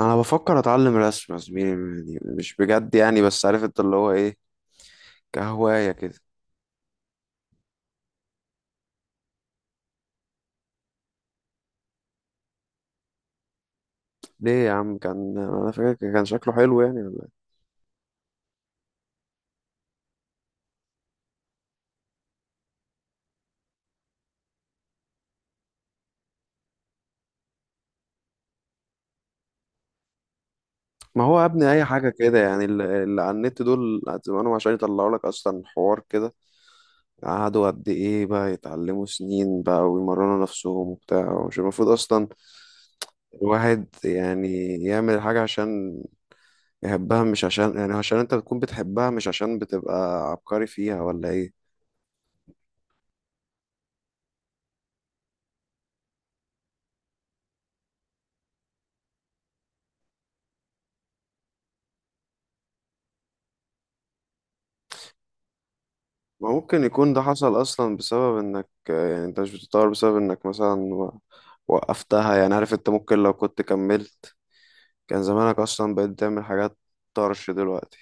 انا بفكر اتعلم رسم يا زميلي، يعني مش بجد يعني، بس عارف انت اللي هو ايه، كهواية كده. ليه يا عم؟ كان انا فاكر كان شكله حلو يعني، ولا إيه؟ ما هو يا ابني اي حاجة كده يعني، اللي على النت دول زمانهم عشان يطلعوا لك اصلا حوار كده. قعدوا قد ايه بقى يتعلموا سنين بقى، ويمرنوا نفسهم وبتاع. مش المفروض اصلا الواحد يعني يعمل حاجة عشان يحبها، مش عشان يعني عشان انت بتكون بتحبها، مش عشان بتبقى عبقري فيها ولا ايه. ما ممكن يكون ده حصل اصلا بسبب انك، يعني انت مش بتتطور بسبب انك مثلا وقفتها، يعني عارف انت؟ ممكن لو كنت كملت كان زمانك اصلا بقيت تعمل حاجات طرش دلوقتي.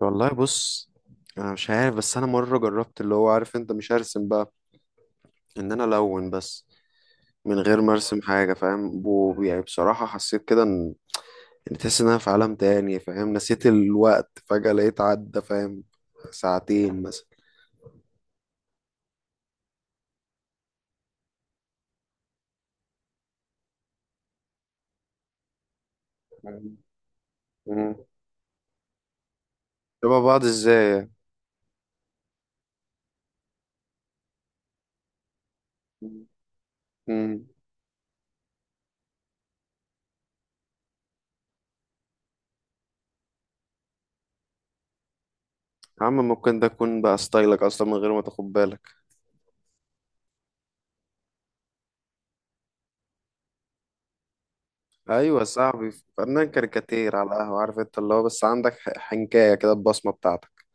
والله بص، انا مش عارف، بس انا مره جربت، اللي هو عارف انت، مش هرسم بقى، ان انا الون بس من غير ما ارسم حاجه، فاهم؟ يعني بصراحه حسيت كده ان، يعني تحس ان انا في عالم تاني، فاهم؟ نسيت الوقت فجاه لقيت عدى، فاهم، ساعتين مثلا. مم. شبه بعض ازاي؟ يعني. مم. يا عم، ممكن ده يكون بقى ستايلك اصلا من غير ما تاخد بالك. ايوه يا صاحبي. فنان كاريكاتير على القهوه، عارف انت اللي هو، بس عندك حنكايه كده، البصمه بتاعتك.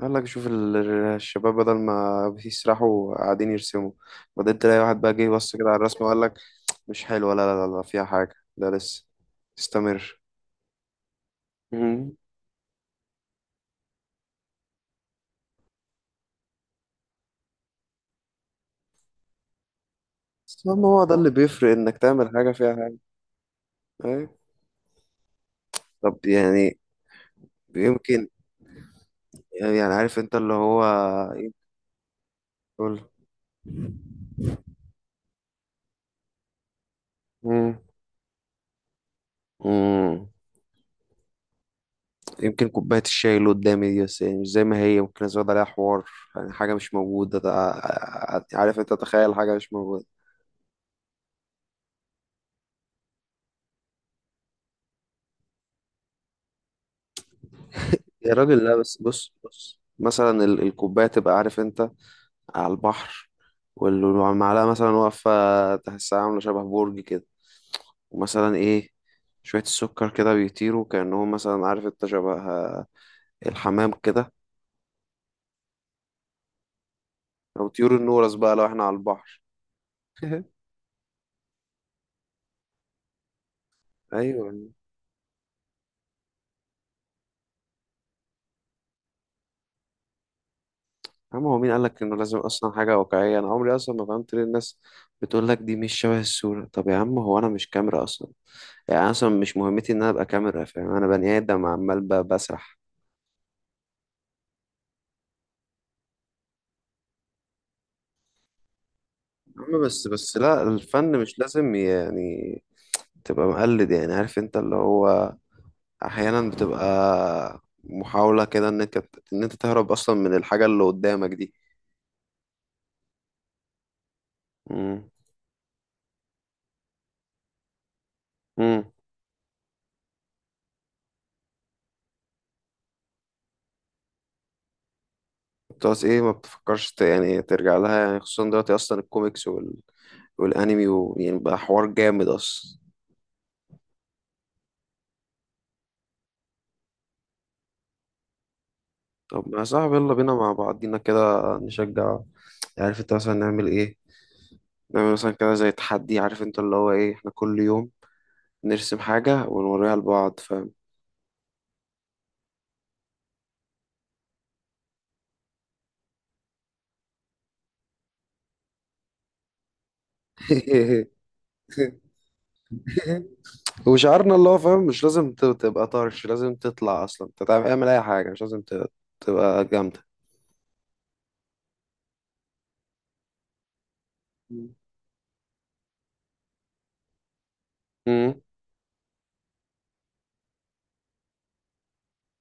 قال لك، شوف الشباب بدل ما بيسرحوا قاعدين يرسموا. بعدين تلاقي واحد بقى جه بص كده على الرسمه وقال لك، مش حلوه، لا لا لا لا، فيها حاجه، ده لسه استمر. مم. بس المهم هو ده اللي بيفرق، انك تعمل حاجه فيها حاجه. أيوة. طب يعني، يمكن، يعني عارف انت اللي هو، قول. مم. مم. يمكن كوباية الشاي اللي قدامي دي، بس يعني مش زي ما هي، ممكن أزود عليها حوار، يعني حاجة مش موجودة، عارف أنت؟ تخيل حاجة مش موجودة. يا راجل لا، بس بص بص، مثلا الكوباية تبقى، عارف أنت، على البحر، والمعلقة مثلا واقفة، تحسها عاملة شبه برج كده، ومثلا إيه، شوية السكر كده بيطيروا كأنهم مثلا، عارف أنت، شبه الحمام كده، أو طيور النورس بقى لو إحنا على البحر. أيوه. عم، هو مين قالك انه لازم اصلا حاجة واقعية؟ انا عمري اصلا ما فهمت ليه الناس بتقول لك، دي مش شبه الصورة. طب يا عم، هو انا مش كاميرا اصلا، يعني أنا اصلا مش مهمتي ان انا ابقى كاميرا، فاهم؟ انا بني ادم عمال بسرح. يا عم، بس لا، الفن مش لازم يعني تبقى مقلد، يعني عارف انت اللي هو، احيانا بتبقى محاولة كده ان انت تهرب اصلا من الحاجة اللي قدامك دي. امم امم بتقعد ايه؟ ما بتفكرش يعني ترجع لها، يعني خصوصا دلوقتي اصلا الكوميكس والانمي، ويعني بقى حوار جامد اصلا. طب ما يا صاحبي، يلا بينا مع بعضينا كده نشجع. عارف انت، مثلا نعمل ايه، نعمل مثلا كده زي تحدي، عارف انت اللي هو ايه، احنا كل يوم نرسم حاجة ونوريها لبعض، فاهم؟ وشعارنا، اللي هو فاهم، مش لازم تبقى طرش، لازم تطلع اصلا، انت اعمل اي حاجة، مش لازم تبقى جامدة.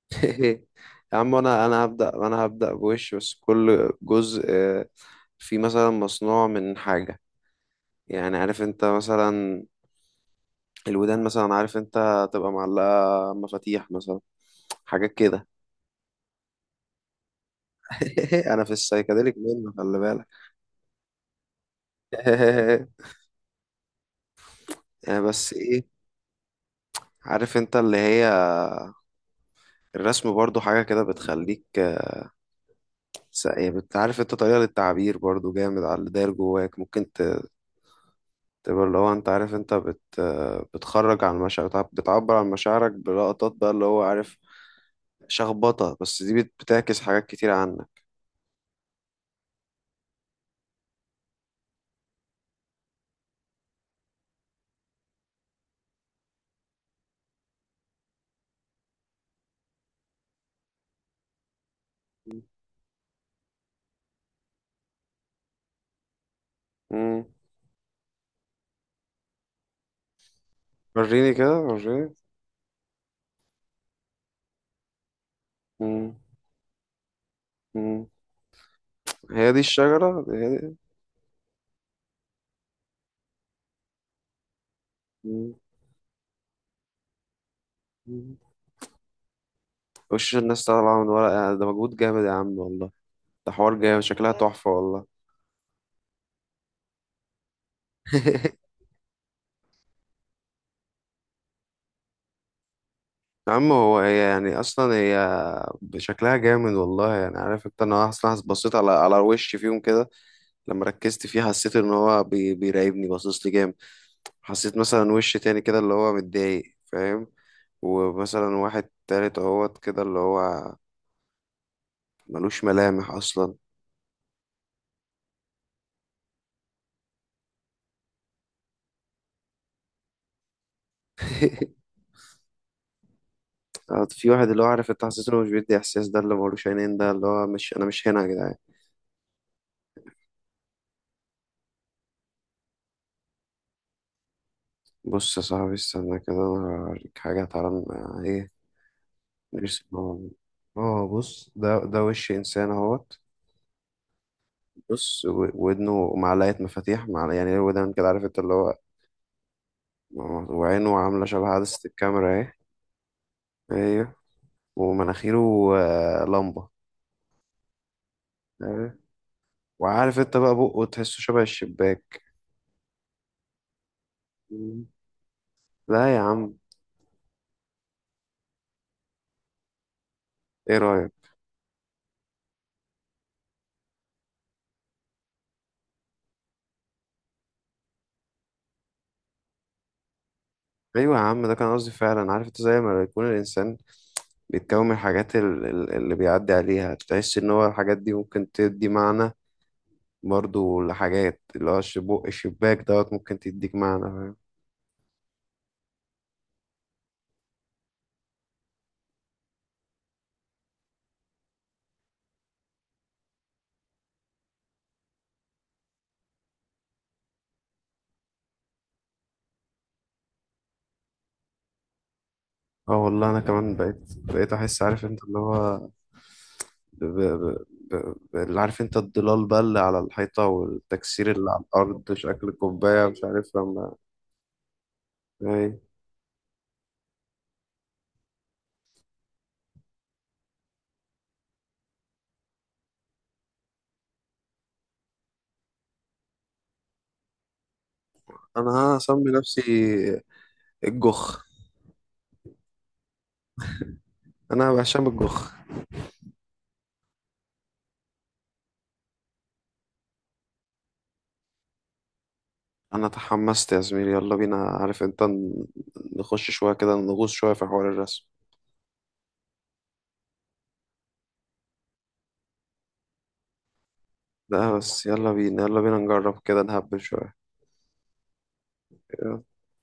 يا عم، انا هبدأ بوش، بس كل جزء فيه مثلا مصنوع من حاجة، يعني عارف انت، مثلا الودان مثلا، عارف انت، تبقى معلقة مفاتيح مثلا، حاجات كده. انا في السايكاديليك منه، خلي بالك. بس ايه، عارف انت اللي هي، الرسم برضو حاجة كده بتخليك، عارف انت، طريقة للتعبير برضو جامد على اللي داير جواك، ممكن تبقى اللي هو، انت عارف انت بت بتخرج عن مشاعر بتعبر عن مشاعرك بلقطات بقى، اللي هو عارف، شخبطة بس دي بتعكس حاجات كتير عنك. مم. وريني كده، وريني. مم. مم. هي دي الشجرة، هي دي. مم. مم. وش الناس طالعة من ورق، يعني ده مجهود جامد يا عم والله. ده حوار جامد، شكلها تحفة والله. يا عم، هي يعني، أصلا هي شكلها جامد والله، يعني عارف انت، انا اصلا بصيت على وش فيهم كده، لما ركزت فيه حسيت ان هو بيراقبني، باصص لي جامد، حسيت مثلا وش تاني كده اللي هو متضايق، فاهم؟ ومثلا واحد تالت اهوت كده اللي هو ملوش ملامح اصلا. في واحد، اللي هو عارف انت، حسيت انه مش بيدي احساس، ده اللي ملوش عينين، ده اللي هو، مش انا مش هنا يا جدعان. بص يا صاحبي استنى كده، انا هوريك حاجه، تعالى ايه نرسم، اه بص، ده وش انسان اهوت، بص ودنه معلقه مفاتيح، مع يعني ودان كده، عارف انت اللي هو، وعينه عاملة شبه عدسة الكاميرا اهي. ايوه. ومناخيره لمبة. أيوة. وعارف انت بقى بقه تحسه شبه الشباك. مم. لا يا عم. ايه رأيك؟ ايوه يا عم، ده كان قصدي فعلا، عارف انت، زي ما يكون الانسان بيتكون من الحاجات اللي بيعدي عليها، تحس ان هو الحاجات دي ممكن تدي معنى برضو لحاجات، اللي هو بق الشباك دوت ممكن تديك معنى. اه والله انا كمان بقيت احس، عارف انت اللي هو ب... ب... اللي، عارف انت، الضلال بقى اللي على الحيطة، والتكسير اللي على الارض، شكل كوباية، مش عارف لما اي. انا هسمي نفسي الجخ، انا هشام الجخ. انا تحمست يا زميلي، يلا بينا، عارف انت، نخش شوية كده، نغوص شوية في حوار الرسم ده، بس يلا بينا، يلا بينا نجرب كده نهبل شوية.